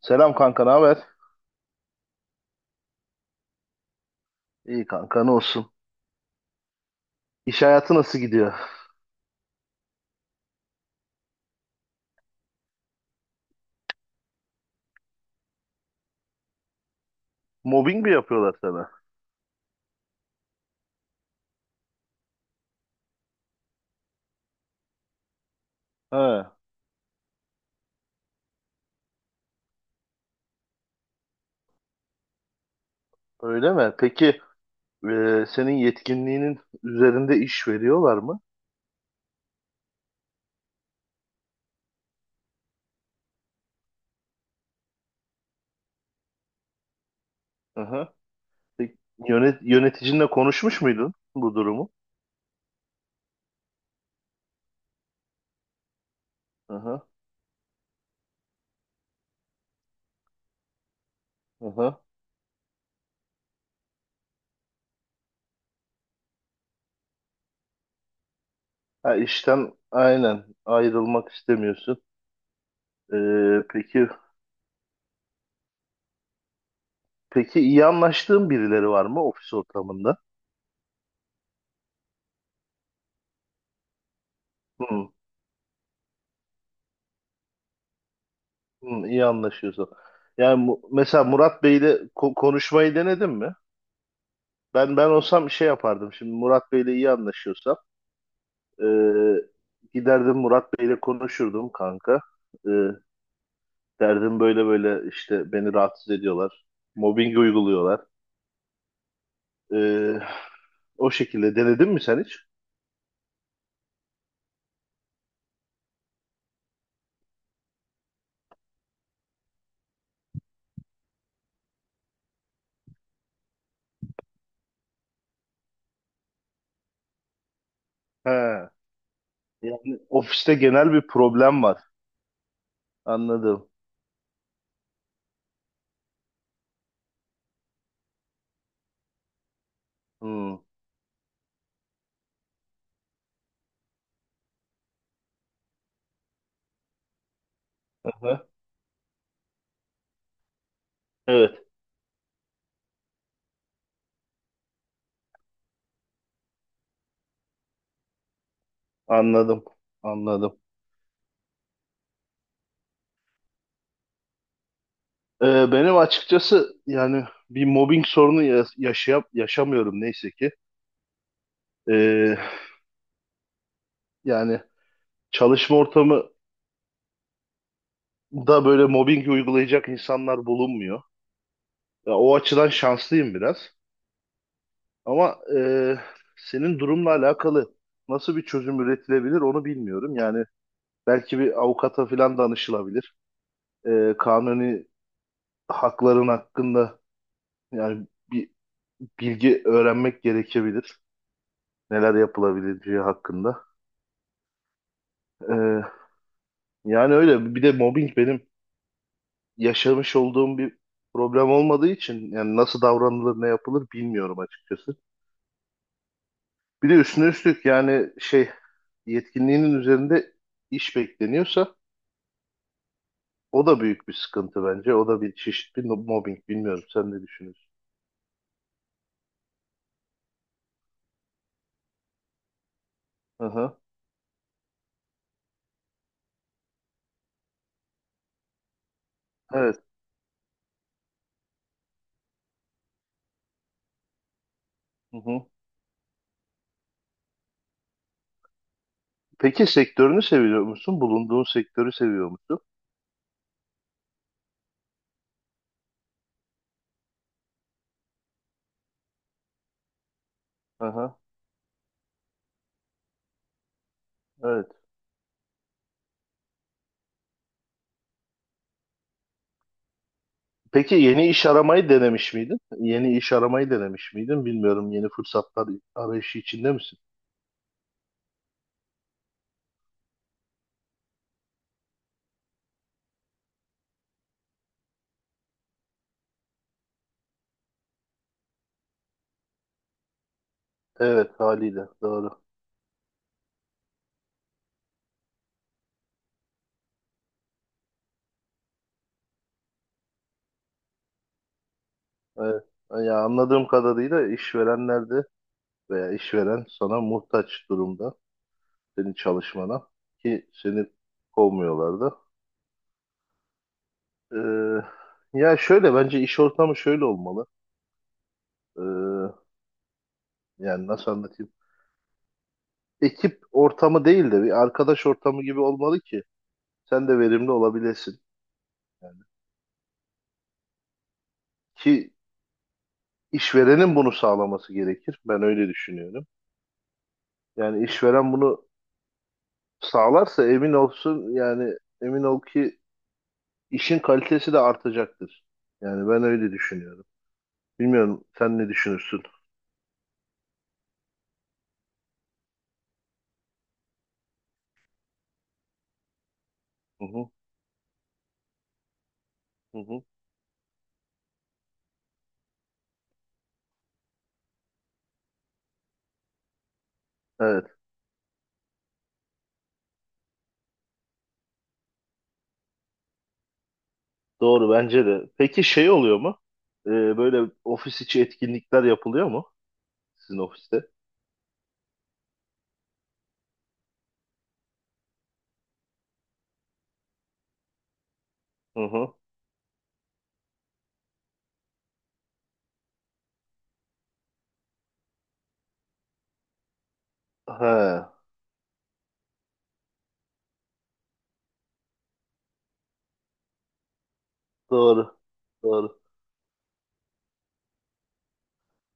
Selam kanka, ne haber? İyi kanka, ne olsun? İş hayatı nasıl gidiyor? Mobbing mi yapıyorlar sana? Ha, öyle mi? Peki senin yetkinliğinin üzerinde iş veriyorlar mı? Hı hı. Peki, yöneticinle konuşmuş muydun bu durumu? Hı hı, hı hı. Ha, işten aynen ayrılmak istemiyorsun. E, peki iyi anlaştığın birileri var mı ofis ortamında? Hı, hı, iyi anlaşıyorsun. Yani mesela Murat Bey'le konuşmayı denedin mi? Ben olsam şey yapardım. Şimdi Murat Bey'le iyi anlaşıyorsam e, giderdim, Murat Bey'le konuşurdum kanka. E, Derdim böyle böyle işte beni rahatsız ediyorlar. Mobbing uyguluyorlar. E, O şekilde denedin mi sen hiç? He. Yani ofiste genel bir problem var. Anladım. Hmm. Aha. Evet. Anladım. Anladım. E, Benim açıkçası yani bir mobbing sorunu yaşamıyorum neyse ki. E, Yani çalışma ortamında böyle mobbing uygulayacak insanlar bulunmuyor. Ya, o açıdan şanslıyım biraz. Ama senin durumla alakalı nasıl bir çözüm üretilebilir onu bilmiyorum. Yani belki bir avukata falan danışılabilir. Kanuni hakların hakkında yani bir bilgi öğrenmek gerekebilir. Neler yapılabileceği hakkında. E, Yani öyle. Bir de mobbing benim yaşamış olduğum bir problem olmadığı için yani nasıl davranılır ne yapılır bilmiyorum açıkçası. Bir de üstüne üstlük yani şey yetkinliğinin üzerinde iş bekleniyorsa o da büyük bir sıkıntı bence. O da bir çeşit bir mobbing. Bilmiyorum sen ne düşünüyorsun? Hı hı. Evet. Hı hı. Peki sektörünü seviyor musun? Bulunduğun sektörü seviyor musun? Hı hı. Evet. Peki yeni iş aramayı denemiş miydin? Yeni iş aramayı denemiş miydin? Bilmiyorum. Yeni fırsatlar arayışı içinde misin? Evet, haliyle doğru. Evet. Ya anladığım kadarıyla işverenler de veya işveren sana muhtaç durumda, senin çalışmana, ki seni kovmuyorlardı. Ya şöyle bence iş ortamı şöyle olmalı. Ee, Yani nasıl anlatayım? Ekip ortamı değil de bir arkadaş ortamı gibi olmalı ki sen de verimli olabilesin. Yani ki işverenin bunu sağlaması gerekir. Ben öyle düşünüyorum. Yani işveren bunu sağlarsa emin olsun, yani emin ol ki işin kalitesi de artacaktır. Yani ben öyle düşünüyorum. Bilmiyorum sen ne düşünürsün? Hı hı, hı hı. Ee, Doğru bence de. Peki şey oluyor mu? Böyle ofis içi etkinlikler yapılıyor mu sizin ofiste? Hı hı. He, doğru. Doğru.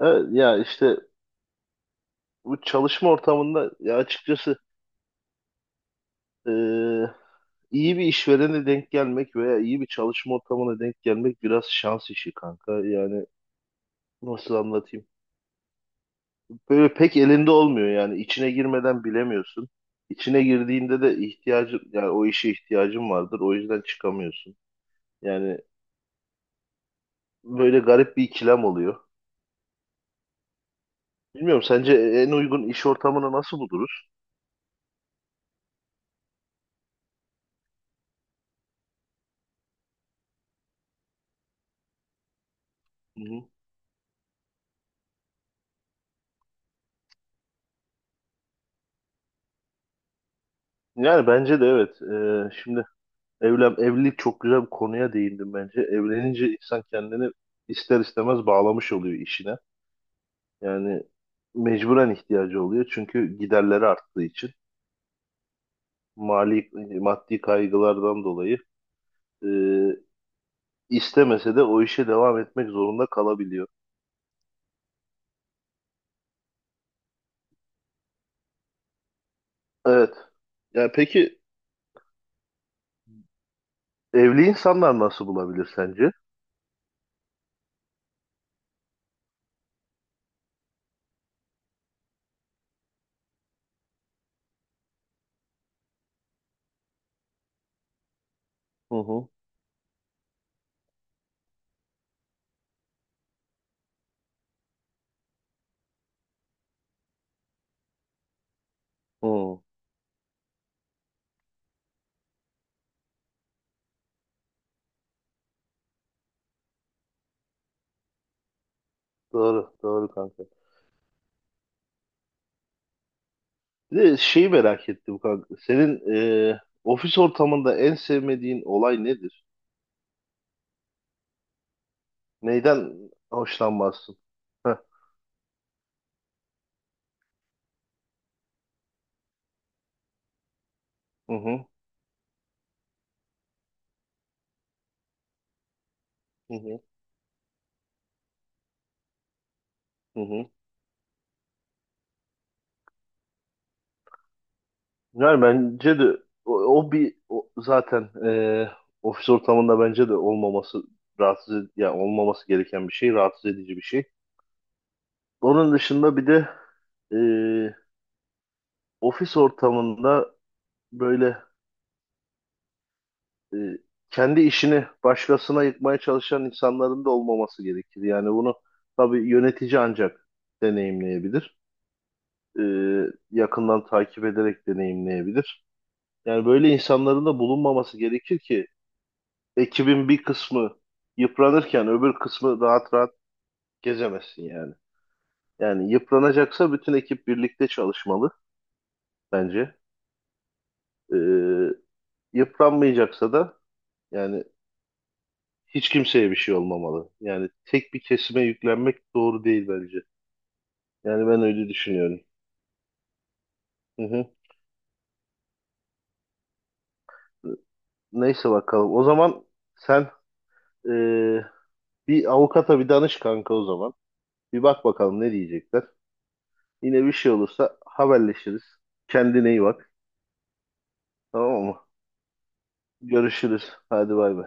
Evet, ya işte bu çalışma ortamında ya açıkçası e, iyi bir işverene denk gelmek veya iyi bir çalışma ortamına denk gelmek biraz şans işi kanka. Yani nasıl anlatayım? Böyle pek elinde olmuyor, yani içine girmeden bilemiyorsun. İçine girdiğinde de ihtiyacın, yani o işe ihtiyacın vardır, o yüzden çıkamıyorsun. Yani böyle garip bir ikilem oluyor. Bilmiyorum, sence en uygun iş ortamını nasıl buluruz? Hı hı. Yani bence de evet. Şimdi evlilik çok güzel bir konuya değindim bence. Evlenince insan kendini ister istemez bağlamış oluyor işine. Yani mecburen ihtiyacı oluyor çünkü giderleri arttığı için mali maddi kaygılardan dolayı. Ee, istemese de o işe devam etmek zorunda kalabiliyor. Evet. Ya peki evli insanlar nasıl bulabilir sence? Hı hı. Hı. Doğru, doğru kanka. Bir de şeyi merak ettim kanka. Senin e, ofis ortamında en sevmediğin olay nedir? Neyden hoşlanmazsın? Heh. Hı hı. Hı hı. Hı hı. Yani bence de zaten ofis ortamında bence de olmaması yani olmaması gereken bir şey, rahatsız edici bir şey. Onun dışında bir de e, ofis ortamında böyle e, kendi işini başkasına yıkmaya çalışan insanların da olmaması gerekir. Yani bunu tabii yönetici ancak deneyimleyebilir. E, Yakından takip ederek deneyimleyebilir. Yani böyle insanların da bulunmaması gerekir ki ekibin bir kısmı yıpranırken öbür kısmı rahat rahat gezemezsin yani. Yani yıpranacaksa bütün ekip birlikte çalışmalı bence. Ee, Yıpranmayacaksa da yani hiç kimseye bir şey olmamalı. Yani tek bir kesime yüklenmek doğru değil bence. Yani ben öyle düşünüyorum. Hı hı. Neyse bakalım. O zaman sen ee, bir avukata bir danış kanka o zaman. Bir bak bakalım ne diyecekler. Yine bir şey olursa haberleşiriz. Kendine iyi bak. Tamam mı? Görüşürüz. Hadi bay bay.